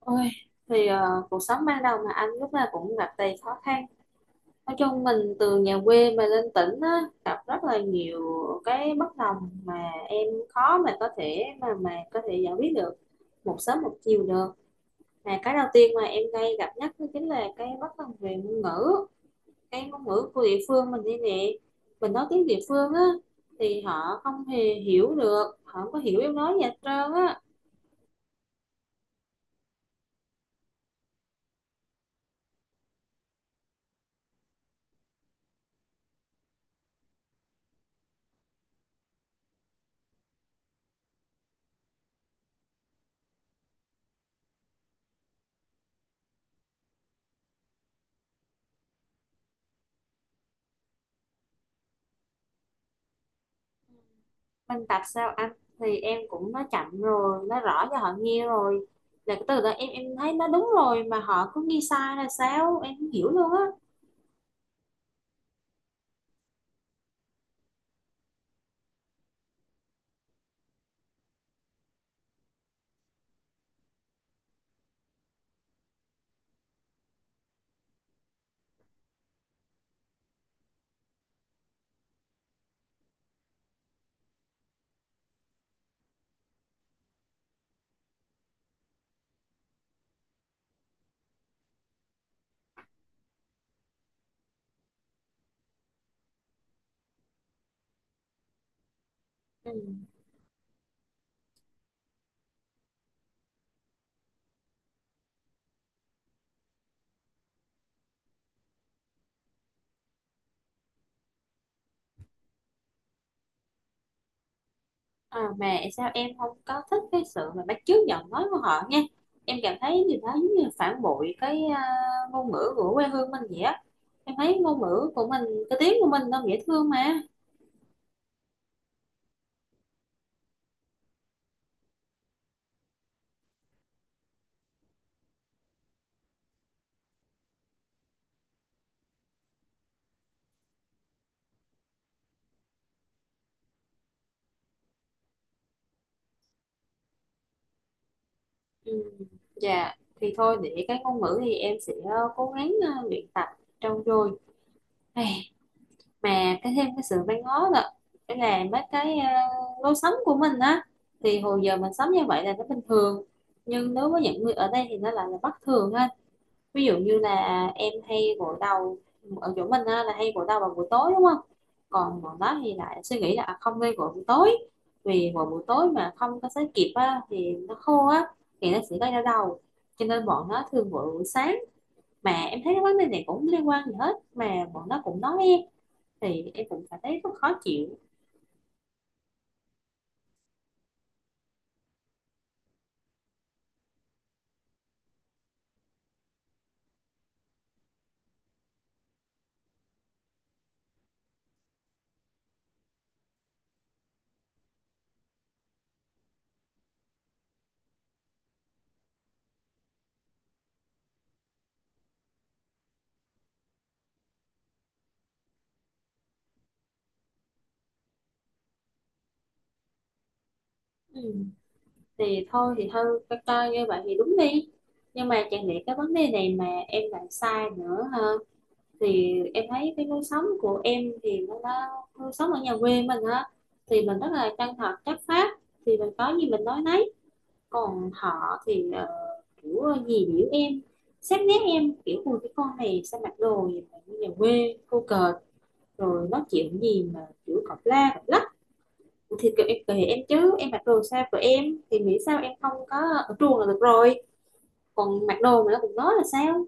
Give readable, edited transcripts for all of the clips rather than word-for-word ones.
Ôi, thì cuộc sống ban đầu mà anh lúc nào cũng gặp đầy khó khăn. Nói chung mình từ nhà quê mà lên tỉnh á, gặp rất là nhiều cái bất đồng mà em khó mà có thể giải quyết được một sớm một chiều được. Mà cái đầu tiên mà em ngay gặp nhất đó chính là cái bất đồng về ngôn ngữ, cái ngôn ngữ của địa phương mình đây nè. Mình nói tiếng địa phương á thì họ không hề hiểu được, họ không có hiểu em nói gì hết trơn á. Minh Bạch sao anh, thì em cũng nói chậm rồi nói rõ cho họ nghe rồi, là cái từ đó em thấy nó đúng rồi mà họ cứ nghi sai là sao em không hiểu luôn á. Ừ. Mà sao em không có thích cái sự mà bắt chước giọng nói của họ nha, em cảm thấy điều đó giống như phản bội cái ngôn ngữ của quê hương mình vậy á, em thấy ngôn ngữ của mình, cái tiếng của mình nó dễ thương mà. Ừ. Dạ, thì thôi để cái ngôn ngữ thì em sẽ cố gắng luyện tập, trau dồi. Mà cái thêm cái sự văn ngó là cái là mấy cái lối sống của mình á, thì hồi giờ mình sống như vậy là nó bình thường, nhưng đối với những người ở đây thì nó lại là bất thường ha. Ví dụ như là em hay gội đầu ở chỗ mình á, là hay gội đầu vào buổi tối đúng không, còn bọn đó thì lại suy nghĩ là không nên gội buổi tối, vì vào buổi tối mà không có sấy kịp á, thì nó khô á, thì nó sẽ gây đau đầu, cho nên bọn nó thường gội buổi sáng. Mà em thấy cái vấn đề này cũng liên quan gì hết mà bọn nó cũng nói em, thì em cũng cảm thấy rất khó chịu. Ừ. Thì thôi thì thôi coi coi như vậy thì đúng đi, nhưng mà chẳng lẽ cái vấn đề này mà em lại sai nữa ha. Thì em thấy cái lối sống của em thì nó đã, lối sống ở nhà quê mình á, thì mình rất là chân thật chất phác, thì mình có gì mình nói nấy. Còn họ thì kiểu gì biểu em, xét nét em kiểu ui cái con này sao mặc đồ gì mà như nhà quê cô cợt, rồi nói chuyện gì mà kiểu cọc la cọc lách. Thì kiểu em kể em chứ em mặc đồ sao của em, thì nghĩ sao em không có ở trường là được rồi, còn mặc đồ mà nó cũng nói là sao.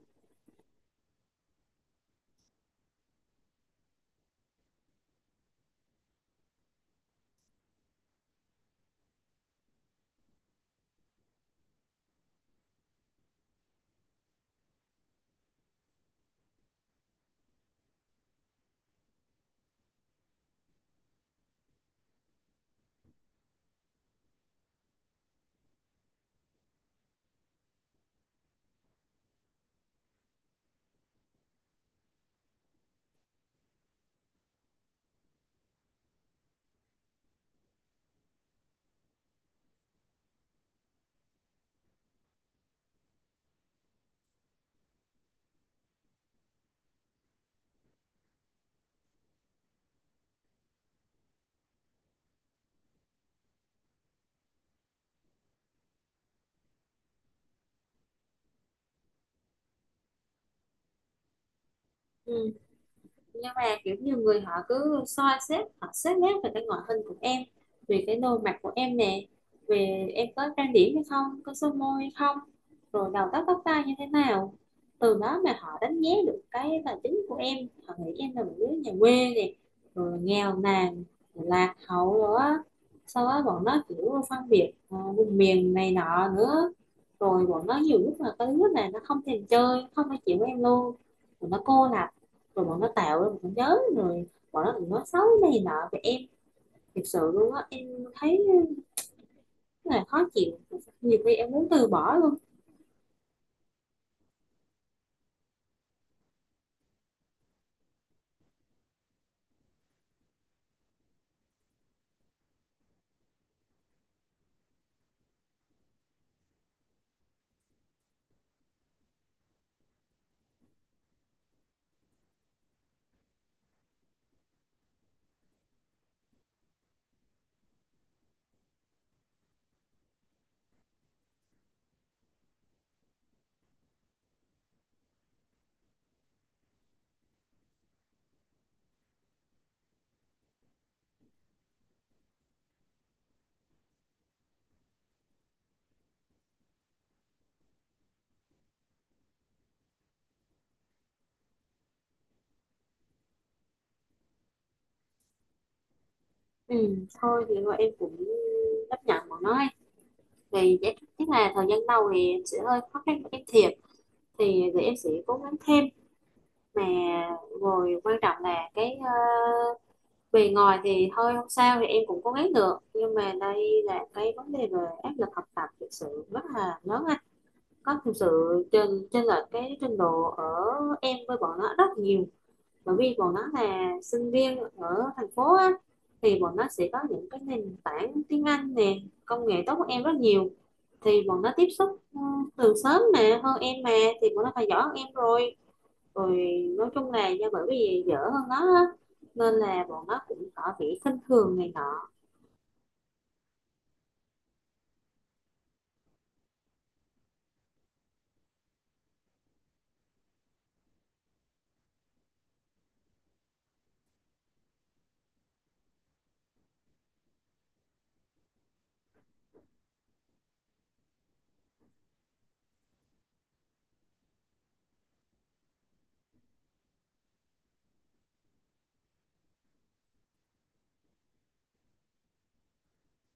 Ừ. Nhưng mà kiểu như người họ cứ soi xét, họ xét nét về cái ngoại hình của em, về cái nồi mặt của em nè, về em có trang điểm hay không, có son môi hay không, rồi đầu tóc tóc tai như thế nào, từ đó mà họ đánh giá được cái tài chính của em. Họ nghĩ em là một đứa nhà quê nè, rồi nghèo nàn, lạc hậu rồi á. Sau đó bọn nó kiểu phân biệt vùng miền này nọ nữa, rồi bọn nó nhiều lúc là có đứa này nó không thèm chơi, không phải chịu với em luôn, rồi nó cô lập, rồi bọn nó tạo ra một cái nhóm, rồi bọn nó cũng nói xấu này nọ về em. Thực sự luôn á, em thấy rất là khó chịu, nhiều khi em muốn từ bỏ luôn. Ừ, thôi thì thôi em cũng chấp nhận bọn nó ấy. Thì chắc chắc là thời gian đầu thì em sẽ hơi khó khăn với cái thiệp, thì để em sẽ cố gắng thêm. Mà rồi quan trọng là cái bề ngoài thì thôi không sao thì em cũng cố gắng được, nhưng mà đây là cái vấn đề về áp lực học tập thực sự rất là lớn, có thực sự trên trên là cái trình độ ở em với bọn nó rất nhiều. Bởi vì bọn nó là sinh viên ở thành phố á, thì bọn nó sẽ có những cái nền tảng tiếng Anh nè, công nghệ tốt hơn em rất nhiều, thì bọn nó tiếp xúc ừ, từ sớm mà hơn em mà, thì bọn nó phải giỏi hơn em rồi. Rồi nói chung là do bởi vì dở hơn nó á, nên là bọn nó cũng có bị khinh thường này nọ.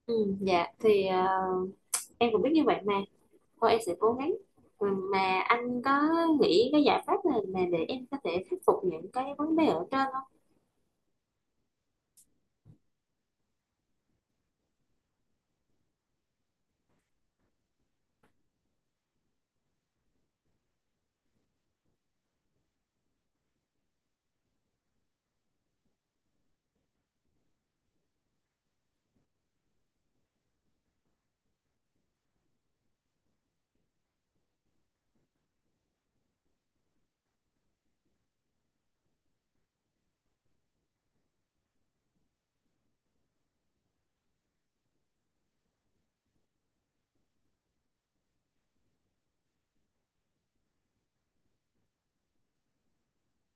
Ừ, dạ thì em cũng biết như vậy mà. Thôi em sẽ cố gắng. Ừ, mà anh có nghĩ cái giải pháp này mà để em có thể khắc phục những cái vấn đề ở trên không?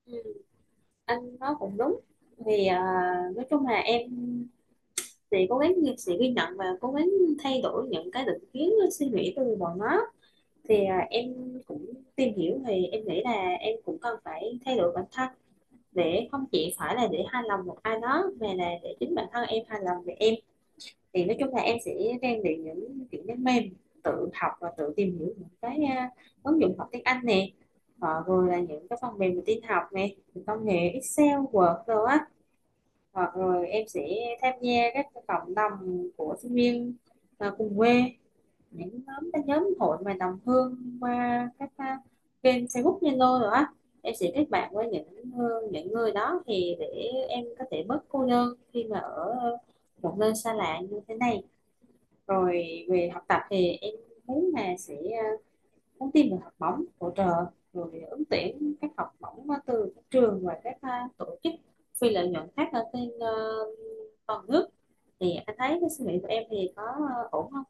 Ừ, anh nói cũng đúng. Vì nói chung là em sẽ cố gắng, sẽ ghi nhận và cố gắng thay đổi những cái định kiến suy nghĩ từ bọn nó. Thì em cũng tìm hiểu, thì em nghĩ là em cũng cần phải thay đổi bản thân, để không chỉ phải là để hài lòng một ai đó, mà là để chính bản thân em hài lòng về em. Thì nói chung là em sẽ rèn luyện những kỹ năng mềm, tự học và tự tìm hiểu những cái ứng dụng học tiếng Anh nè, hoặc rồi là những cái phần mềm về tin học nè, những công nghệ Excel Word rồi á. Hoặc rồi em sẽ tham gia các cái cộng đồng của sinh viên cùng quê, những nhóm, các nhóm hội mà đồng hương qua các kênh Facebook Zalo rồi á. Em sẽ kết bạn với những những người đó, thì để em có thể bớt cô đơn khi mà ở một nơi xa lạ như thế này. Rồi về học tập thì em muốn là sẽ nhắn tin về học bổng hỗ trợ, rồi ứng tuyển các học bổng từ các trường và các tổ chức phi lợi nhuận khác ở trên toàn nước. Thì anh thấy cái suy nghĩ của em thì có ổn không?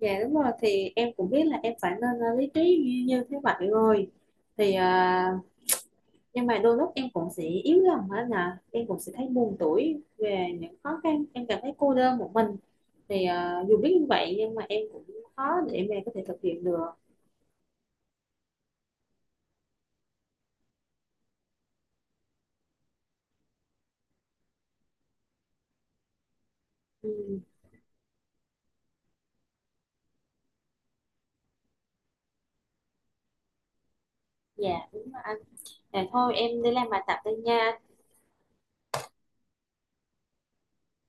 Dạ đúng rồi, thì em cũng biết là em phải nên lý trí như thế vậy rồi. Thì nhưng mà đôi lúc em cũng sẽ yếu lòng á nè, em cũng sẽ thấy buồn tủi về những khó khăn, em cảm thấy cô đơn một mình. Thì dù biết như vậy nhưng mà em cũng khó để mà có thể thực hiện được. Ừ, dạ đúng rồi anh. Thôi em đi làm bài tập đây nha.